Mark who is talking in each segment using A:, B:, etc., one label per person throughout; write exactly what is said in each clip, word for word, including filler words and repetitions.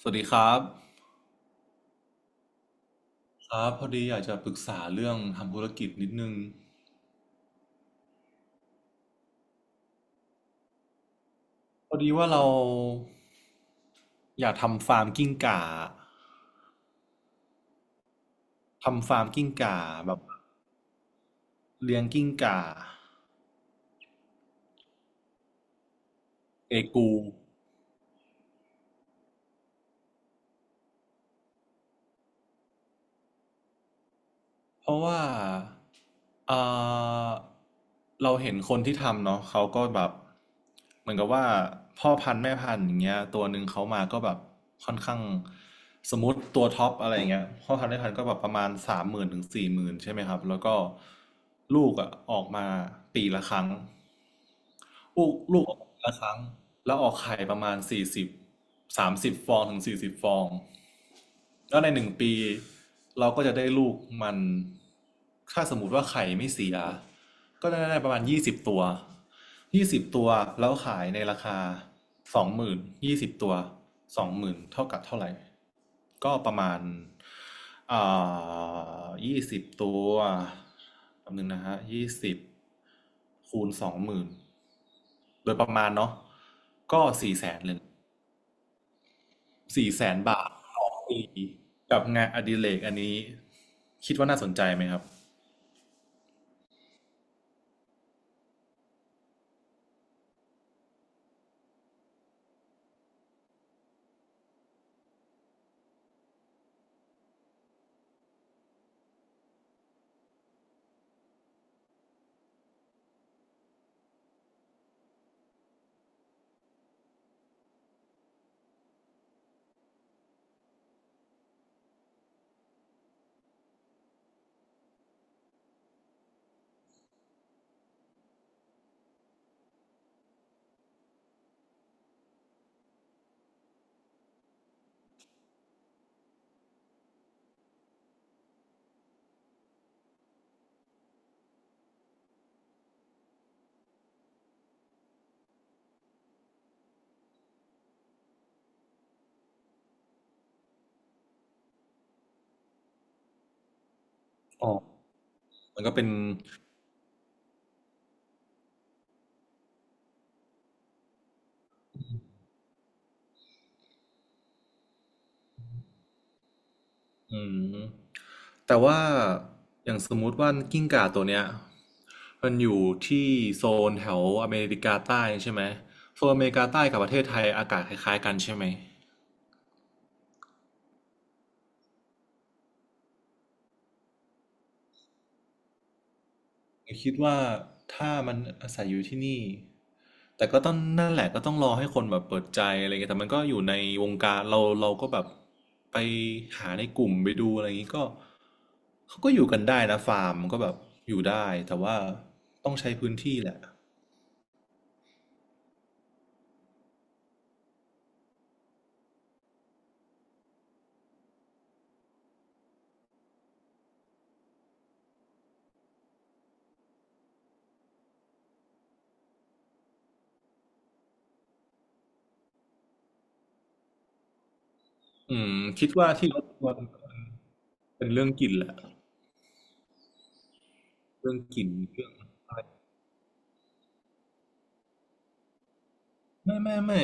A: สวัสดีครับครับพอดีอยากจะปรึกษาเรื่องทำธุรกิจนิดนึงพอดีว่าเราอยากทำฟาร์มกิ้งก่าทำฟาร์มกิ้งก่าแบบเลี้ยงกิ้งก่าเอกู เพราะว่าเอ่อเราเห็นคนที่ทำเนาะเขาก็แบบเหมือนกับว่าพ่อพันธุ์แม่พันธุ์อย่างเงี้ยตัวหนึ่งเขามาก็แบบค่อนข้างสมมติตัวท็อปอะไรอย่างเงี้ยพ่อพันธุ์แม่พันธุ์ก็แบบประมาณสามหมื่นถึงสี่หมื่นใช่ไหมครับแล้วก็ลูกอ่ะออกมาปีละครั้งลูกลูกออกมาปีละครั้งแล้วออกไข่ประมาณสี่สิบสามสิบฟองถึงสี่สิบฟอง แล้วในหนึ่งปีเราก็จะได้ลูกมันถ้าสมมติว่าไข่ไม่เสียก็ได้ประมาณยี่สิบตัวยี่สิบตัวแล้วขายในราคาสองหมื่นยี่สิบตัวสองหมื่นเท่ากับเท่าไหร่ก็ประมาณอ่ายี่สิบตัวแป๊บนึงนะฮะยี่สิบคูณสองหมื่นโดยประมาณเนาะก็สี่แสนเลย สี่แสนบาทต่อปีกับงานอดิเรกอันนี้คิดว่าน่าสนใจไหมครับอ๋อมันก็เป็นอืมแต่ว่าอย่างสมมุติว่ากิ้งก่าตัวเนี้ยมันอยู่ที่โซนแถวอเมริกาใต้ใช่ไหมโซนอเมริกาใต้กับประเทศไทยอากาศคล้ายๆกันใช่ไหม ผมคิดว่าถ้ามันอาศัยอยู่ที่นี่แต่ก็ต้องนั่นแหละก็ต้องรอให้คนแบบเปิดใจอะไรเงี้ยแต่มันก็อยู่ในวงการเราเราก็แบบไปหาในกลุ่มไปดูอะไรอย่างงี้ก็เขาก็อยู่กันได้นะฟาร์มก็แบบอยู่ได้แต่ว่าต้องใช้พื้นที่แหละอืมคิดว่าที่รบกวนเป็นเรื่องกลิ่นแหละเรื่องกลิ่นเรื่องอะไรไม่ไม่ไม่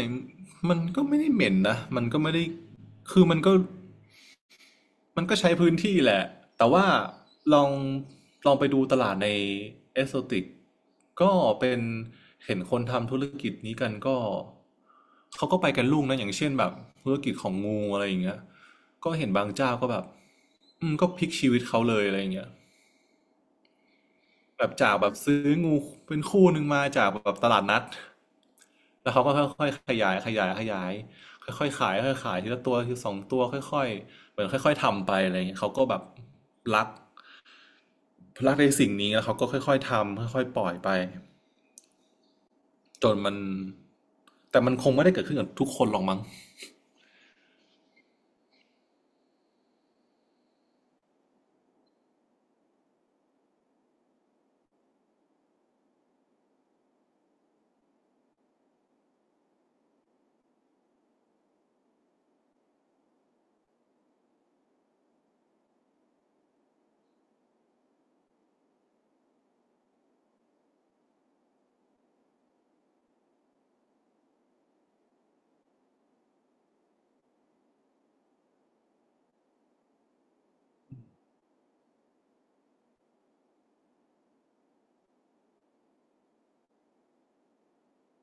A: มันก็ไม่ได้เหม็นนะมันก็ไม่ได้คือมันก็ มันก็ใช้พื้นที่แหละ แต่ว่าลองลองไปดูตลาดในเอสโซติกก็เป็นเห็นคนทำธุรกิจนี้กันก็เขาก็ไปกันลุ่งนะอย่างเช่นแบบธุรกิจของงูอะไรอย่างเงี้ยก็เห็นบางเจ้าก็แบบอืมก็พลิกชีวิตเขาเลยอะไรอย่างเงี้ย แบบจากแบบซื้องูเป็นคู่หนึ่งมาจากแบบตลาดนัดแล้วเขาก็ค่อยๆขยายขยายขยายค่อยๆขายค่อยๆขายทีละตัวทีละสองตัวค่อยๆเหมือนค่อยๆทำไปอะไรอย่างเงี้ยเขาก็แบบรักรักในสิ่งนี้แล้วเขาก็ค่อยๆทำค่อยๆปล่อยไปจนมันแต่มันคงไม่ได้เกิดขึ้นกับทุกคนหรอกมั้ง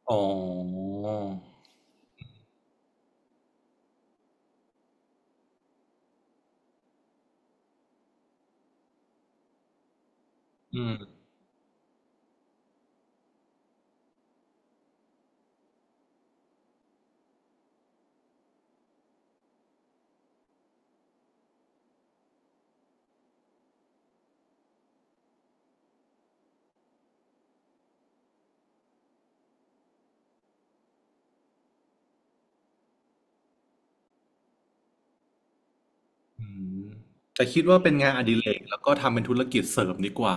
A: อ๋ออืมอืมแต่คิดว่าเป็นงานอดิเรกแล้วก็ทำเป็นธุรกิจเสริมดีกว่า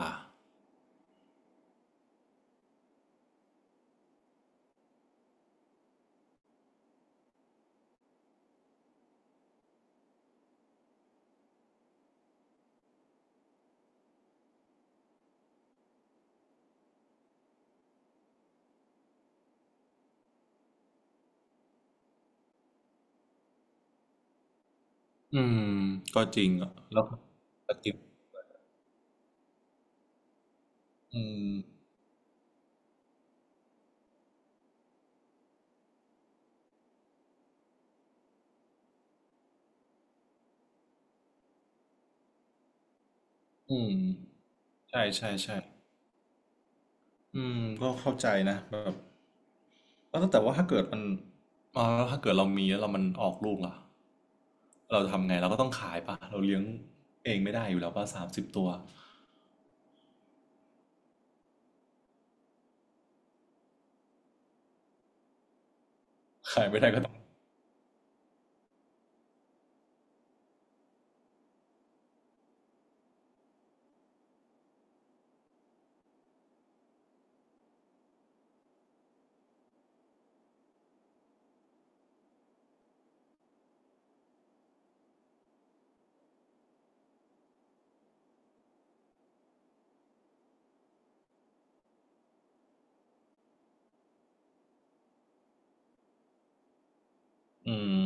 A: อืมก็จริงอะแล้วธุรกิจอืม อืมใช่ใช่ใช่อืมก็เข้าใจนะแบบแล้วแต่ว่าถ้าเกิดมันอ่าแล้วถ้าเกิดเรามีแล้วเรามันออกลูกล่ะเราทำไงเราก็ต้องขายปะเราเลี้ยงเองไม่ได้อยู่แล้วป่ะสามสิบตัวขายไม่ได้ก็ต้องอืม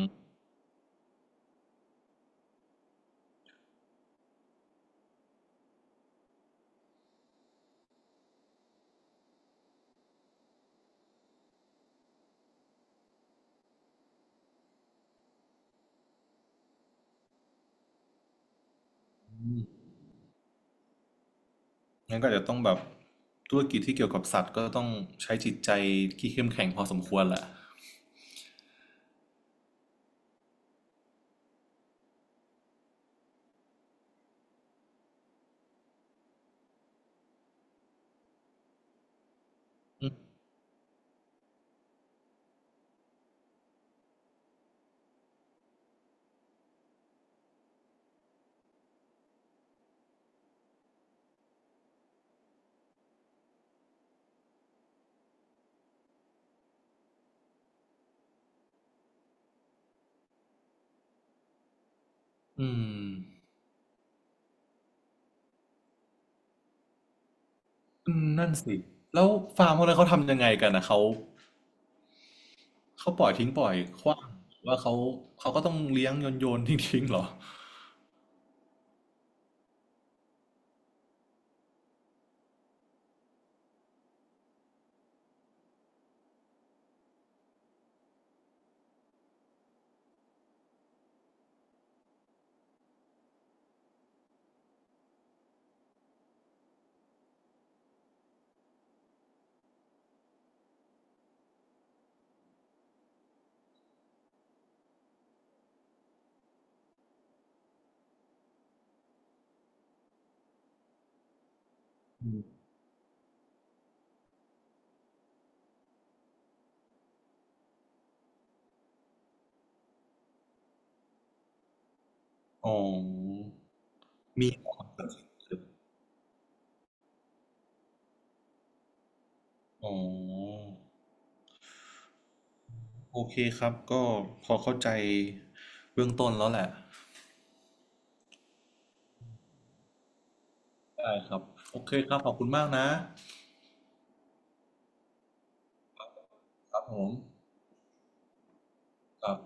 A: งั้นก็อาจจะต้องแบบธุรกิจที่เกี่ยวกับสัตว์ก็ต้องใช้จิตใจที่เข้มแข็งพอสมควรแหละอืมอืมนั่นสิแล้วฟาร์มพวกนั้นเขาทำยังไงกันนะเขา เขาปล่อยทิ้งปล่อยขว้างหรือว่าเขาเขาก็ต้องเลี้ยงโยนโยนทิ้งทิ้งเหรออืมอ๋อมีเหรออ๋อโอเคครับก็พอเข้าใจเบื้องต้นแล้วแหละได้ครับโอเคครับขอบคุณมากนะครับผมครับ